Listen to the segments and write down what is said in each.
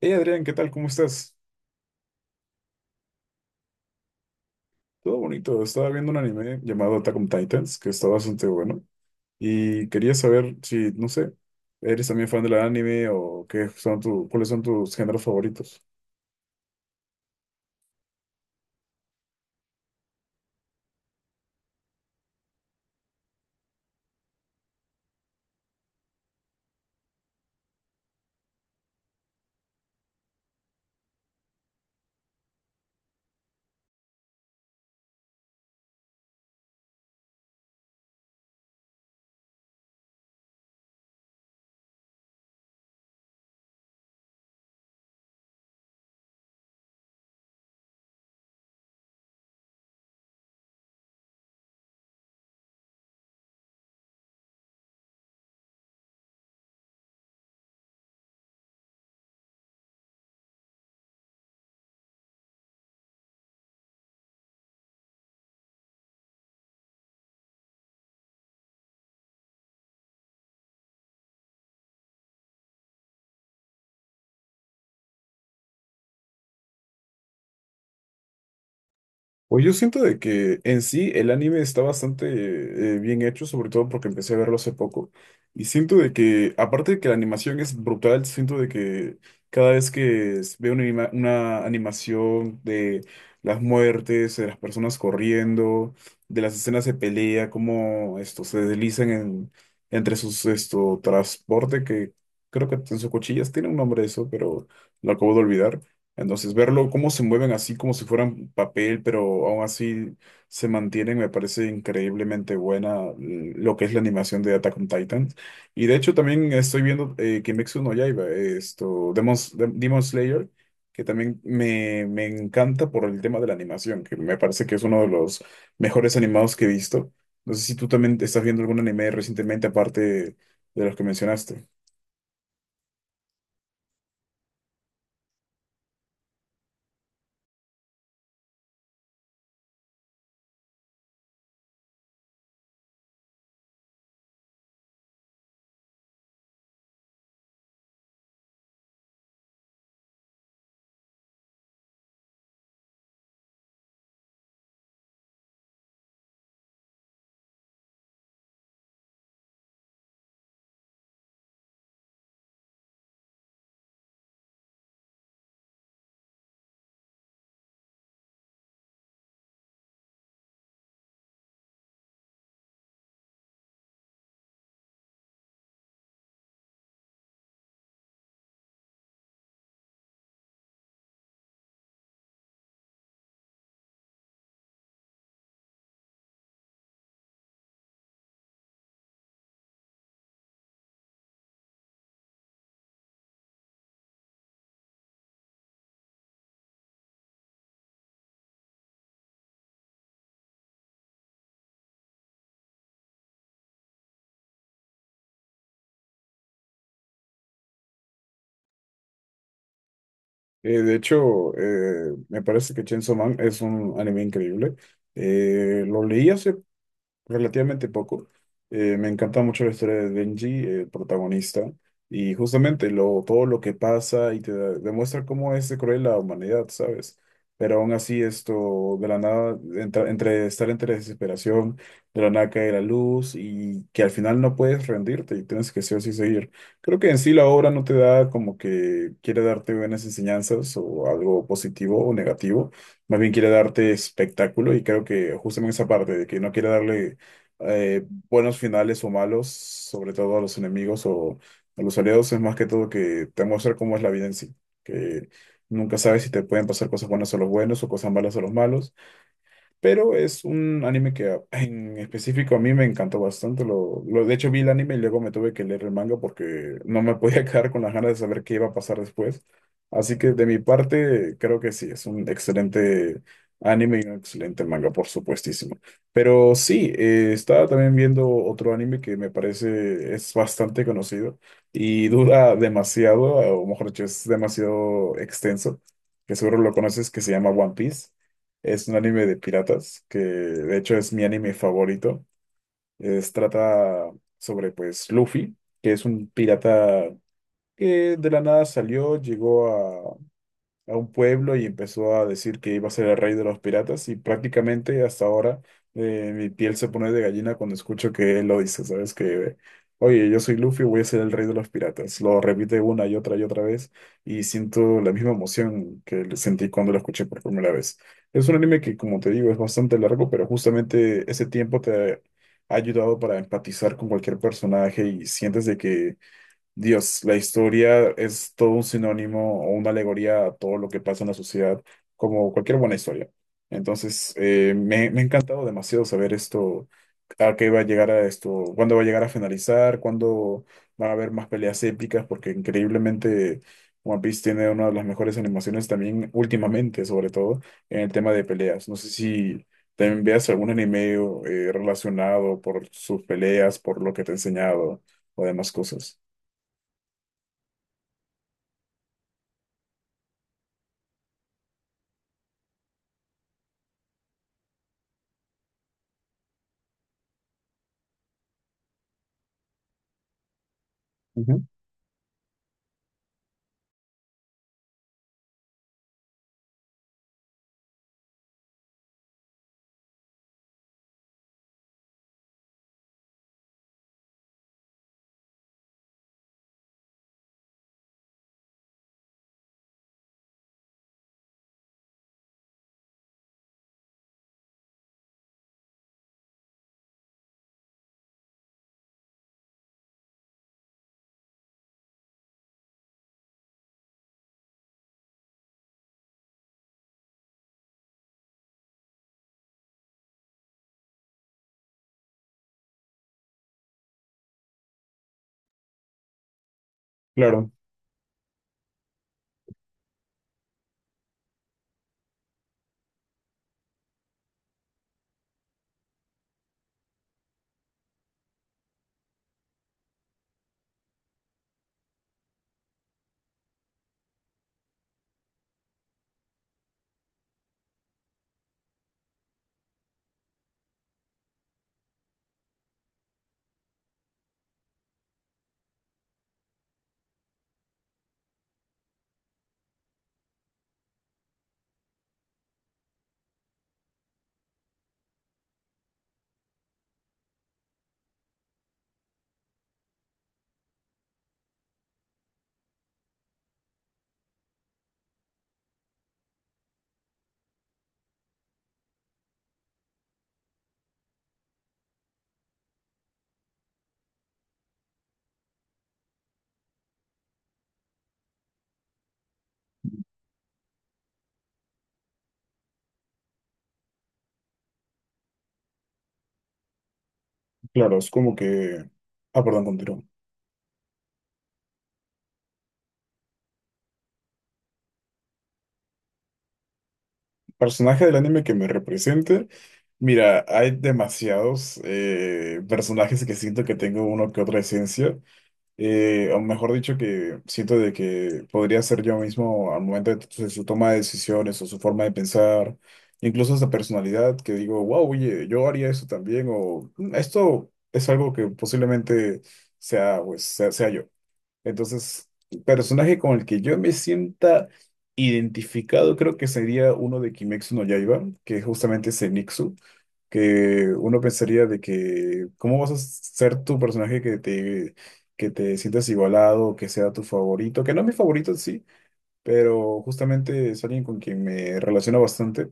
Hey Adrián, ¿qué tal? ¿Cómo estás? Todo bonito. Estaba viendo un anime llamado Attack on Titans, que está bastante bueno. Y quería saber si, no sé, ¿eres también fan del anime o qué son tu, cuáles son tus géneros favoritos? Pues yo siento de que en sí el anime está bastante bien hecho, sobre todo porque empecé a verlo hace poco. Y siento de que, aparte de que la animación es brutal, siento de que cada vez que veo una, una animación de las muertes, de las personas corriendo, de las escenas de pelea, cómo esto se deslizan entre sus esto transporte, que creo que en sus cuchillas tiene un nombre eso, pero lo acabo de olvidar. Entonces, verlo, cómo se mueven así como si fueran papel, pero aún así se mantienen, me parece increíblemente buena lo que es la animación de Attack on Titan. Y de hecho también estoy viendo Kimetsu no Yaiba, esto, Demon, Demon Slayer, que también me encanta por el tema de la animación, que me parece que es uno de los mejores animados que he visto. No sé si tú también estás viendo algún anime recientemente aparte de los que mencionaste. De hecho, me parece que Chainsaw Man es un anime increíble. Lo leí hace relativamente poco. Me encanta mucho la historia de Denji, el protagonista, y justamente todo lo que pasa y te demuestra cómo es de cruel la humanidad, ¿sabes? Pero aún así esto, de la nada, entre estar entre desesperación, de la nada cae la luz y que al final no puedes rendirte y tienes que sí o sí seguir. Creo que en sí la obra no te da como que quiere darte buenas enseñanzas o algo positivo o negativo, más bien quiere darte espectáculo, y creo que justamente esa parte de que no quiere darle eh, buenos finales o malos, sobre todo a los enemigos o a los aliados, es más que todo que te muestra cómo es la vida en sí, que nunca sabes si te pueden pasar cosas buenas a los buenos o cosas malas a los malos, pero es un anime que en específico a mí me encantó bastante. De hecho, vi el anime y luego me tuve que leer el manga porque no me podía quedar con las ganas de saber qué iba a pasar después. Así que de mi parte, creo que sí, es un excelente anime y un excelente manga, por supuestísimo. Pero sí, estaba también viendo otro anime que me parece es bastante conocido y dura demasiado, o mejor dicho, es demasiado extenso, que seguro lo conoces, que se llama One Piece. Es un anime de piratas, que de hecho es mi anime favorito. Es, trata sobre pues Luffy, que es un pirata que de la nada salió, llegó a un pueblo y empezó a decir que iba a ser el rey de los piratas, y prácticamente hasta ahora mi piel se pone de gallina cuando escucho que él lo dice, ¿sabes? Que, oye, yo soy Luffy, voy a ser el rey de los piratas. Lo repite una y otra vez, y siento la misma emoción que le sentí cuando lo escuché por primera vez. Es un anime que, como te digo, es bastante largo, pero justamente ese tiempo te ha ayudado para empatizar con cualquier personaje y sientes de que Dios, la historia es todo un sinónimo o una alegoría a todo lo que pasa en la sociedad, como cualquier buena historia. Entonces, me ha encantado demasiado saber esto, a qué va a llegar a esto, cuándo va a llegar a finalizar, cuándo van a haber más peleas épicas, porque increíblemente One Piece tiene una de las mejores animaciones también últimamente, sobre todo en el tema de peleas. No sé si también veas algún anime relacionado por sus peleas, por lo que te he enseñado o demás cosas. Claro, claro, es como que... Ah, perdón, continúo. Personaje del anime que me represente. Mira, hay demasiados personajes que siento que tengo uno que otra esencia. O mejor dicho, que siento de que podría ser yo mismo al momento de su toma de decisiones o su forma de pensar. Incluso esa personalidad que digo, wow, oye, yo haría eso también. O "Mm, esto es algo que posiblemente sea, pues, sea yo. Entonces, personaje con el que yo me sienta identificado creo que sería uno de Kimetsu no Yaiba, que justamente es el que uno pensaría de que, ¿cómo vas a ser tu personaje que te sientas igualado, que sea tu favorito? Que no es mi favorito, sí, pero justamente es alguien con quien me relaciono bastante,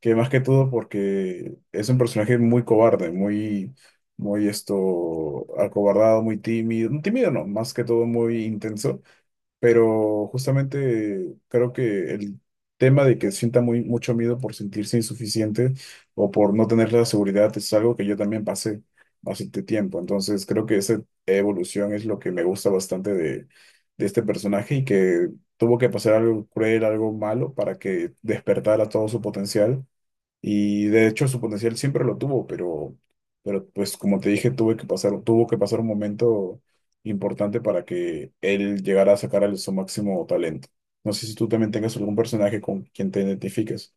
que más que todo porque es un personaje muy cobarde, muy esto, acobardado, muy tímido no, más que todo muy intenso, pero justamente creo que el tema de que sienta mucho miedo por sentirse insuficiente o por no tener la seguridad es algo que yo también pasé hace tiempo, entonces creo que esa evolución es lo que me gusta bastante de este personaje y que tuvo que pasar algo cruel, algo malo para que despertara todo su potencial, y de hecho su potencial siempre lo tuvo, pero pues como te dije, tuvo que pasar un momento importante para que él llegara a sacar su máximo talento. No sé si tú también tengas algún personaje con quien te identifiques.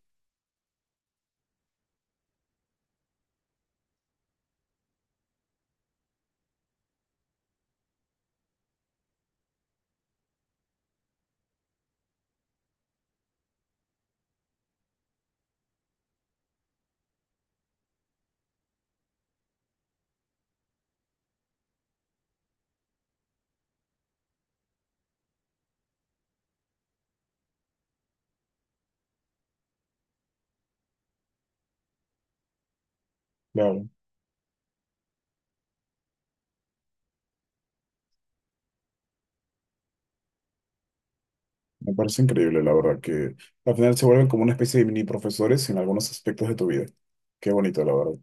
Claro, me parece increíble, la verdad, que al final se vuelven como una especie de mini profesores en algunos aspectos de tu vida. Qué bonito, la verdad.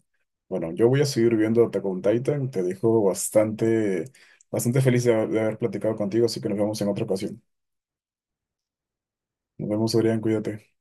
Bueno, yo voy a seguir viendo Attack on Titan. Te dejo bastante, bastante feliz de haber platicado contigo, así que nos vemos en otra ocasión. Nos vemos, Adrián, cuídate.